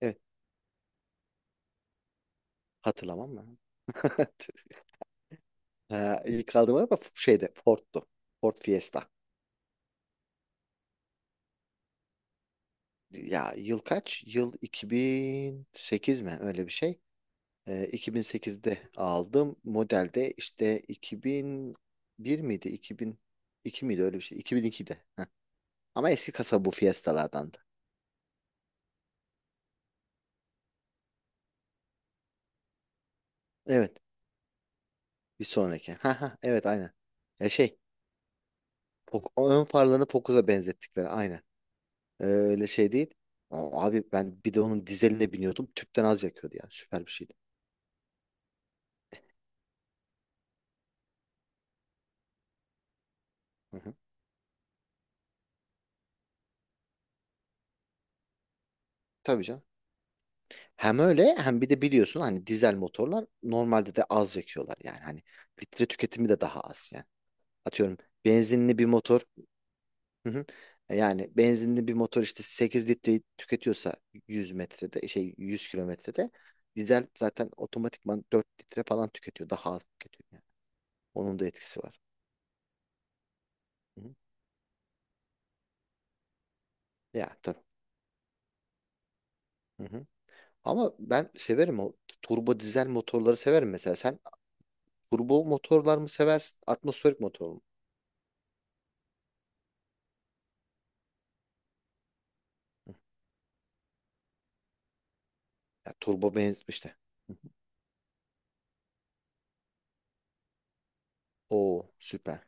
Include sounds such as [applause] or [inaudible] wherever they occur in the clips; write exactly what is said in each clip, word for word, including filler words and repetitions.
Evet. Hatırlamam mı? [laughs] Ha, ilk aldığım araba şeyde Ford'tu. Ford Fiesta. Ya yıl kaç? Yıl iki bin sekiz mi? Öyle bir şey. Ee, iki bin sekizde aldım. Modelde işte iki bin bir miydi? iki bin iki miydi? Öyle bir şey. iki bin ikide. Heh. Ama eski kasa bu Fiesta'lardandı. Evet. Bir sonraki. [laughs] Ha ha. Evet aynen. Ya şey Pok- ön farlarını Focus'a benzettikleri aynen. Ee, öyle şey değil. Aa, abi ben bir de onun dizeline biniyordum. Tüpten az yakıyordu yani. Süper bir şeydi. Hı hı. Tabii canım. Hem öyle hem bir de biliyorsun hani dizel motorlar normalde de az yakıyorlar yani. Hani litre tüketimi de daha az yani. Atıyorum benzinli bir motor, hı hı. e, Yani benzinli bir motor işte sekiz litreyi tüketiyorsa yüz metrede şey yüz kilometrede dizel zaten otomatikman dört litre falan tüketiyor. Daha az tüketiyor yani. Onun da etkisi var. Hı hı. Ya tabii. Hı hı. Ama ben severim o turbo dizel motorları severim mesela. Sen turbo motorlar mı seversin? Atmosferik motor mu? Hı. Ya, turbo benzin işte. Hı hı. Oo süper.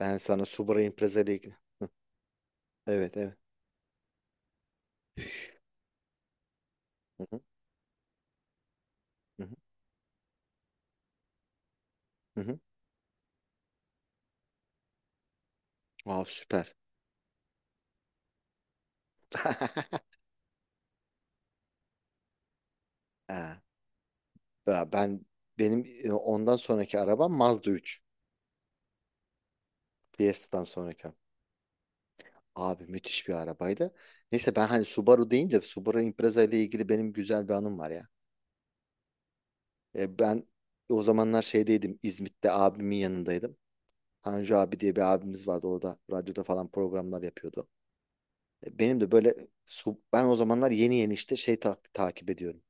Ben sana Subaru Impreza ile ilgili. Hı. Evet evet. Hı hı. Hı hı. Hı hı. Vav, süper. [laughs] Ha. Ya Ben benim e, ondan sonraki arabam Mazda üç. Fiesta'dan sonraki. Abi müthiş bir arabaydı. Neyse ben hani Subaru deyince Subaru Impreza ile ilgili benim güzel bir anım var ya. E, ben o zamanlar şeydeydim. İzmit'te abimin yanındaydım. Tanju abi diye bir abimiz vardı orada. Radyoda falan programlar yapıyordu. E, benim de böyle su- ben o zamanlar yeni yeni işte şey ta- takip ediyorum.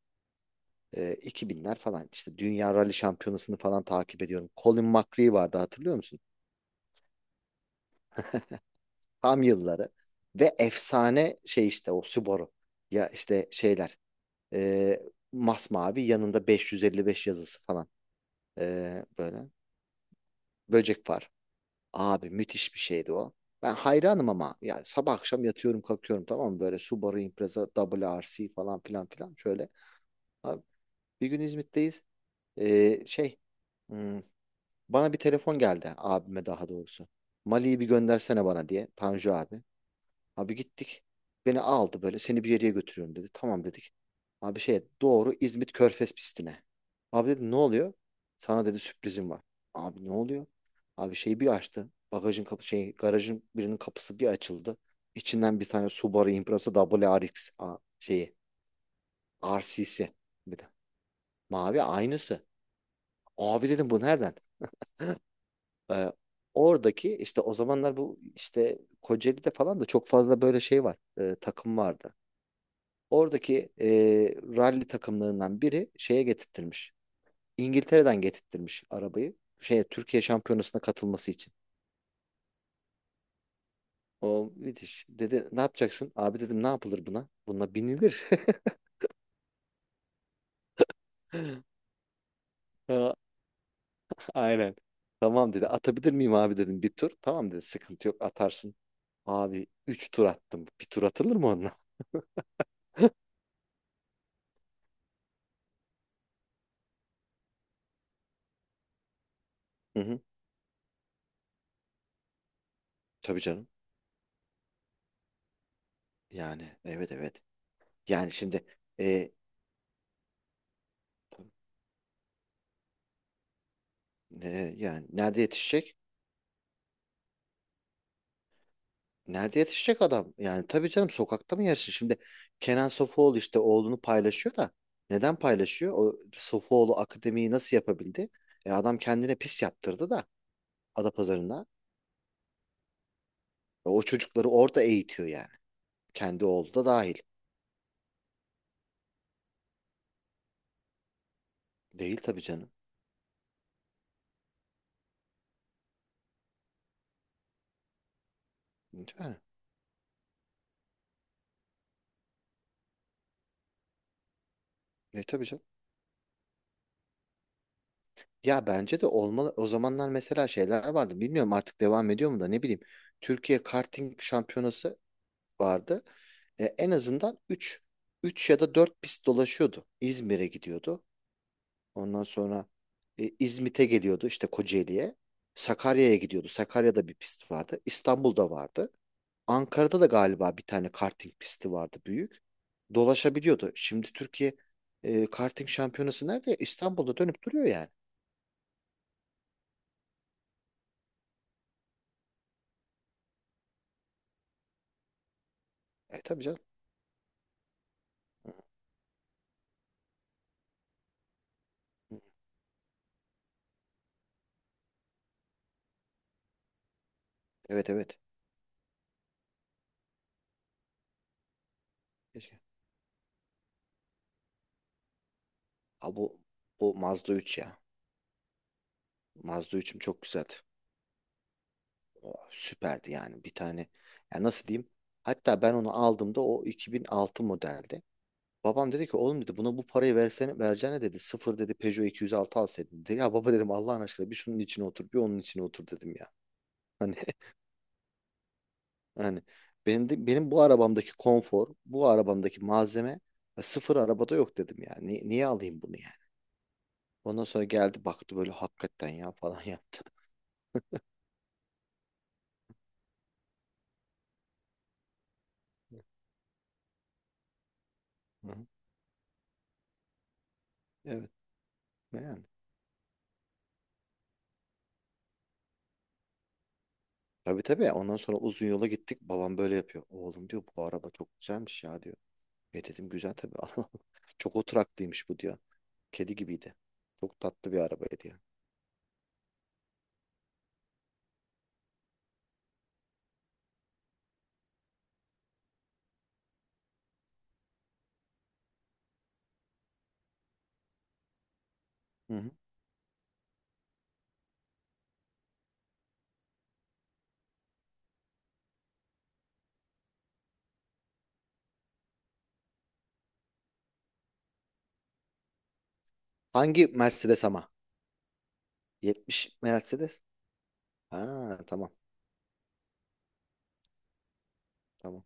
E, iki binler falan işte Dünya Rally Şampiyonası'nı falan takip ediyorum. Colin McRae vardı, hatırlıyor musun? Tam yılları. Ve efsane şey işte o Subaru. Ya işte şeyler. E, Masmavi yanında beş yüz elli beş yazısı falan. E, böyle. Böcek var. Abi müthiş bir şeydi o. Ben hayranım ama yani sabah akşam yatıyorum kalkıyorum, tamam mı? Böyle Subaru Impreza Double R C falan filan filan şöyle. Abi bir gün İzmit'teyiz. Ee, şey hmm, bana bir telefon geldi, abime daha doğrusu. Mali'yi bir göndersene bana diye, Tanju abi. Abi gittik. Beni aldı böyle. Seni bir yere götürüyorum dedi. Tamam dedik. Abi şey doğru İzmit Körfez pistine. Abi dedi, ne oluyor? Sana dedi sürprizim var. Abi, ne oluyor? Abi şeyi bir açtı. Bagajın kapı şey Garajın birinin kapısı bir açıldı. İçinden bir tane Subaru Impreza W R X a- şeyi R RC'si, bir de. Mavi, aynısı. Abi dedim, bu nereden? Ee, Oradaki işte, o zamanlar bu işte Kocaeli'de falan da çok fazla böyle şey var, e, takım vardı. Oradaki e, rally takımlarından biri şeye getirttirmiş. İngiltere'den getirttirmiş arabayı. Şeye, Türkiye şampiyonasına katılması için. O müthiş. Dedi, ne yapacaksın? Abi dedim, ne yapılır buna? Buna binilir. [laughs] Ha, Aynen. Tamam dedi. Atabilir miyim abi dedim, bir tur. Tamam dedi. Sıkıntı yok, atarsın. Abi üç tur attım. Bir tur atılır mı onunla? [laughs] Hı hı. Tabii canım. Yani evet, evet. Yani şimdi e, e, yani nerede yetişecek? Nerede yetişecek adam? Yani tabii canım, sokakta mı yersin? Şimdi Kenan Sofuoğlu işte oğlunu paylaşıyor da, neden paylaşıyor? O Sofuoğlu akademiyi nasıl yapabildi? E adam kendine pis yaptırdı da Adapazarı'na. E o çocukları orada eğitiyor yani. Kendi oğlu da dahil. Değil tabii canım. Yani, e tabii canım. Ya bence de olmalı. O zamanlar mesela şeyler vardı. Bilmiyorum artık devam ediyor mu da ne bileyim. Türkiye Karting Şampiyonası vardı. E, en azından üç üç ya da dört pist dolaşıyordu. İzmir'e gidiyordu. Ondan sonra e, İzmit'e geliyordu işte, Kocaeli'ye. Sakarya'ya gidiyordu. Sakarya'da bir pist vardı. İstanbul'da vardı. Ankara'da da galiba bir tane karting pisti vardı, büyük. Dolaşabiliyordu. Şimdi Türkiye e, karting şampiyonası nerede? İstanbul'da dönüp duruyor yani. E tabii canım. Evet evet. Keşke. Ha, bu, bu Mazda üç ya. Mazda üçüm çok güzeldi. Oh, süperdi yani, bir tane. Ya nasıl diyeyim? Hatta ben onu aldığımda o iki bin altı modelde. Babam dedi ki, oğlum dedi, buna bu parayı versene vereceğine dedi. Sıfır dedi, Peugeot iki yüz altı alsaydın dedi. Ya baba dedim, Allah'ın aşkına bir şunun içine otur, bir onun içine otur dedim ya. Hani [laughs] hani benim, de, benim bu arabamdaki konfor, bu arabamdaki malzeme ve sıfır arabada yok dedim ya. Ni- niye alayım bunu yani? Ondan sonra geldi baktı böyle, hakikaten ya falan [laughs] yaptı. Hı. Evet. Yani. Tabii tabii. Ondan sonra uzun yola gittik. Babam böyle yapıyor. Oğlum diyor, bu araba çok güzelmiş ya diyor. E dedim güzel tabii [laughs] ama çok oturaklıymış bu diyor. Kedi gibiydi. Çok tatlı bir araba diyor. Hı hı. Hangi Mercedes ama? yetmiş Mercedes? Ha, tamam tamam.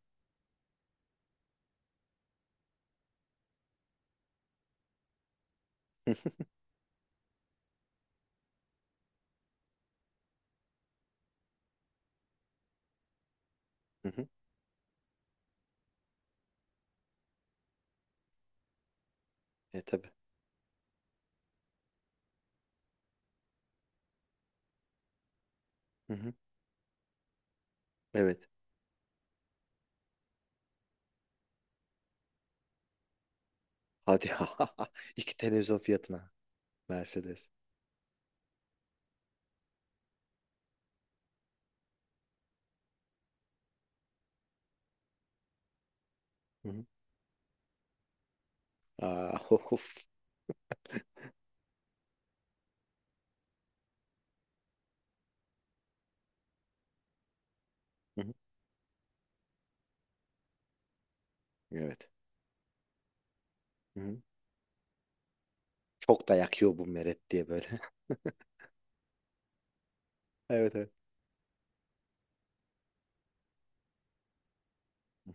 [laughs] Hı hı. E tabii. Hı hı. Evet. Hadi ya. [laughs] İki televizyon fiyatına Mercedes. Hı hı. Aa, [laughs] of. Hı hı. Evet. Hı hı. Çok da yakıyor bu meret diye, böyle. [laughs] Evet evet. Hı.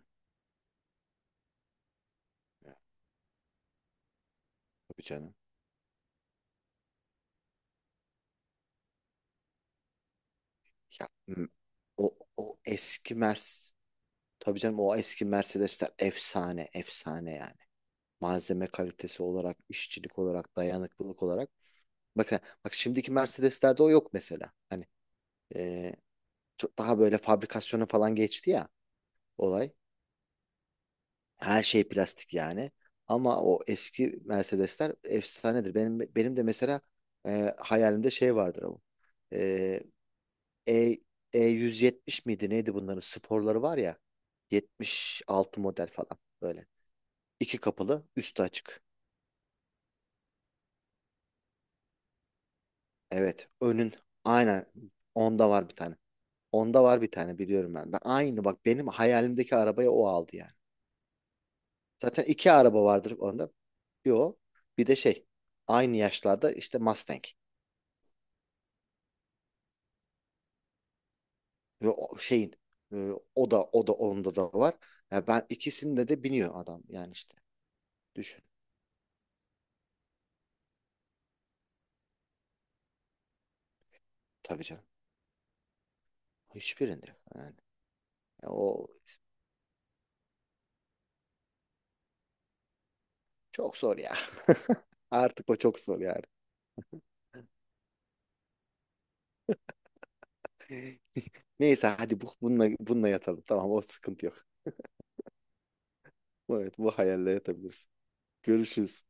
Ya, tabii canım. Ya, O, o eski Mercedes. Tabii canım, o eski Mercedesler efsane, efsane yani. Malzeme kalitesi olarak, işçilik olarak, dayanıklılık olarak. Bakın, bak şimdiki Mercedeslerde o yok mesela. Hani e, çok daha böyle fabrikasyona falan geçti ya olay. Her şey plastik yani. Ama o eski Mercedesler efsanedir. Benim benim de mesela e, hayalimde şey vardır o. E, E170 miydi neydi, bunların sporları var ya, yetmiş altı model falan böyle. İki kapılı, üstü açık. Evet önün, aynen, onda var bir tane. Onda var bir tane, biliyorum ben. Ben aynı bak, benim hayalimdeki arabayı o aldı yani. Zaten iki araba vardır onda. Bir o, bir de şey aynı yaşlarda işte Mustang, ve o şeyin e, o da o da onda da var. Ya ben, ikisinde de biniyor adam yani işte düşün. Tabii canım. Hiçbirinde yok yani. Ya O çok zor ya. [laughs] Artık o çok zor yani. Neyse hadi bu, bununla, bununla yatalım. Tamam, o sıkıntı yok. Evet, bu hayalle yatabiliriz. Görüşürüz.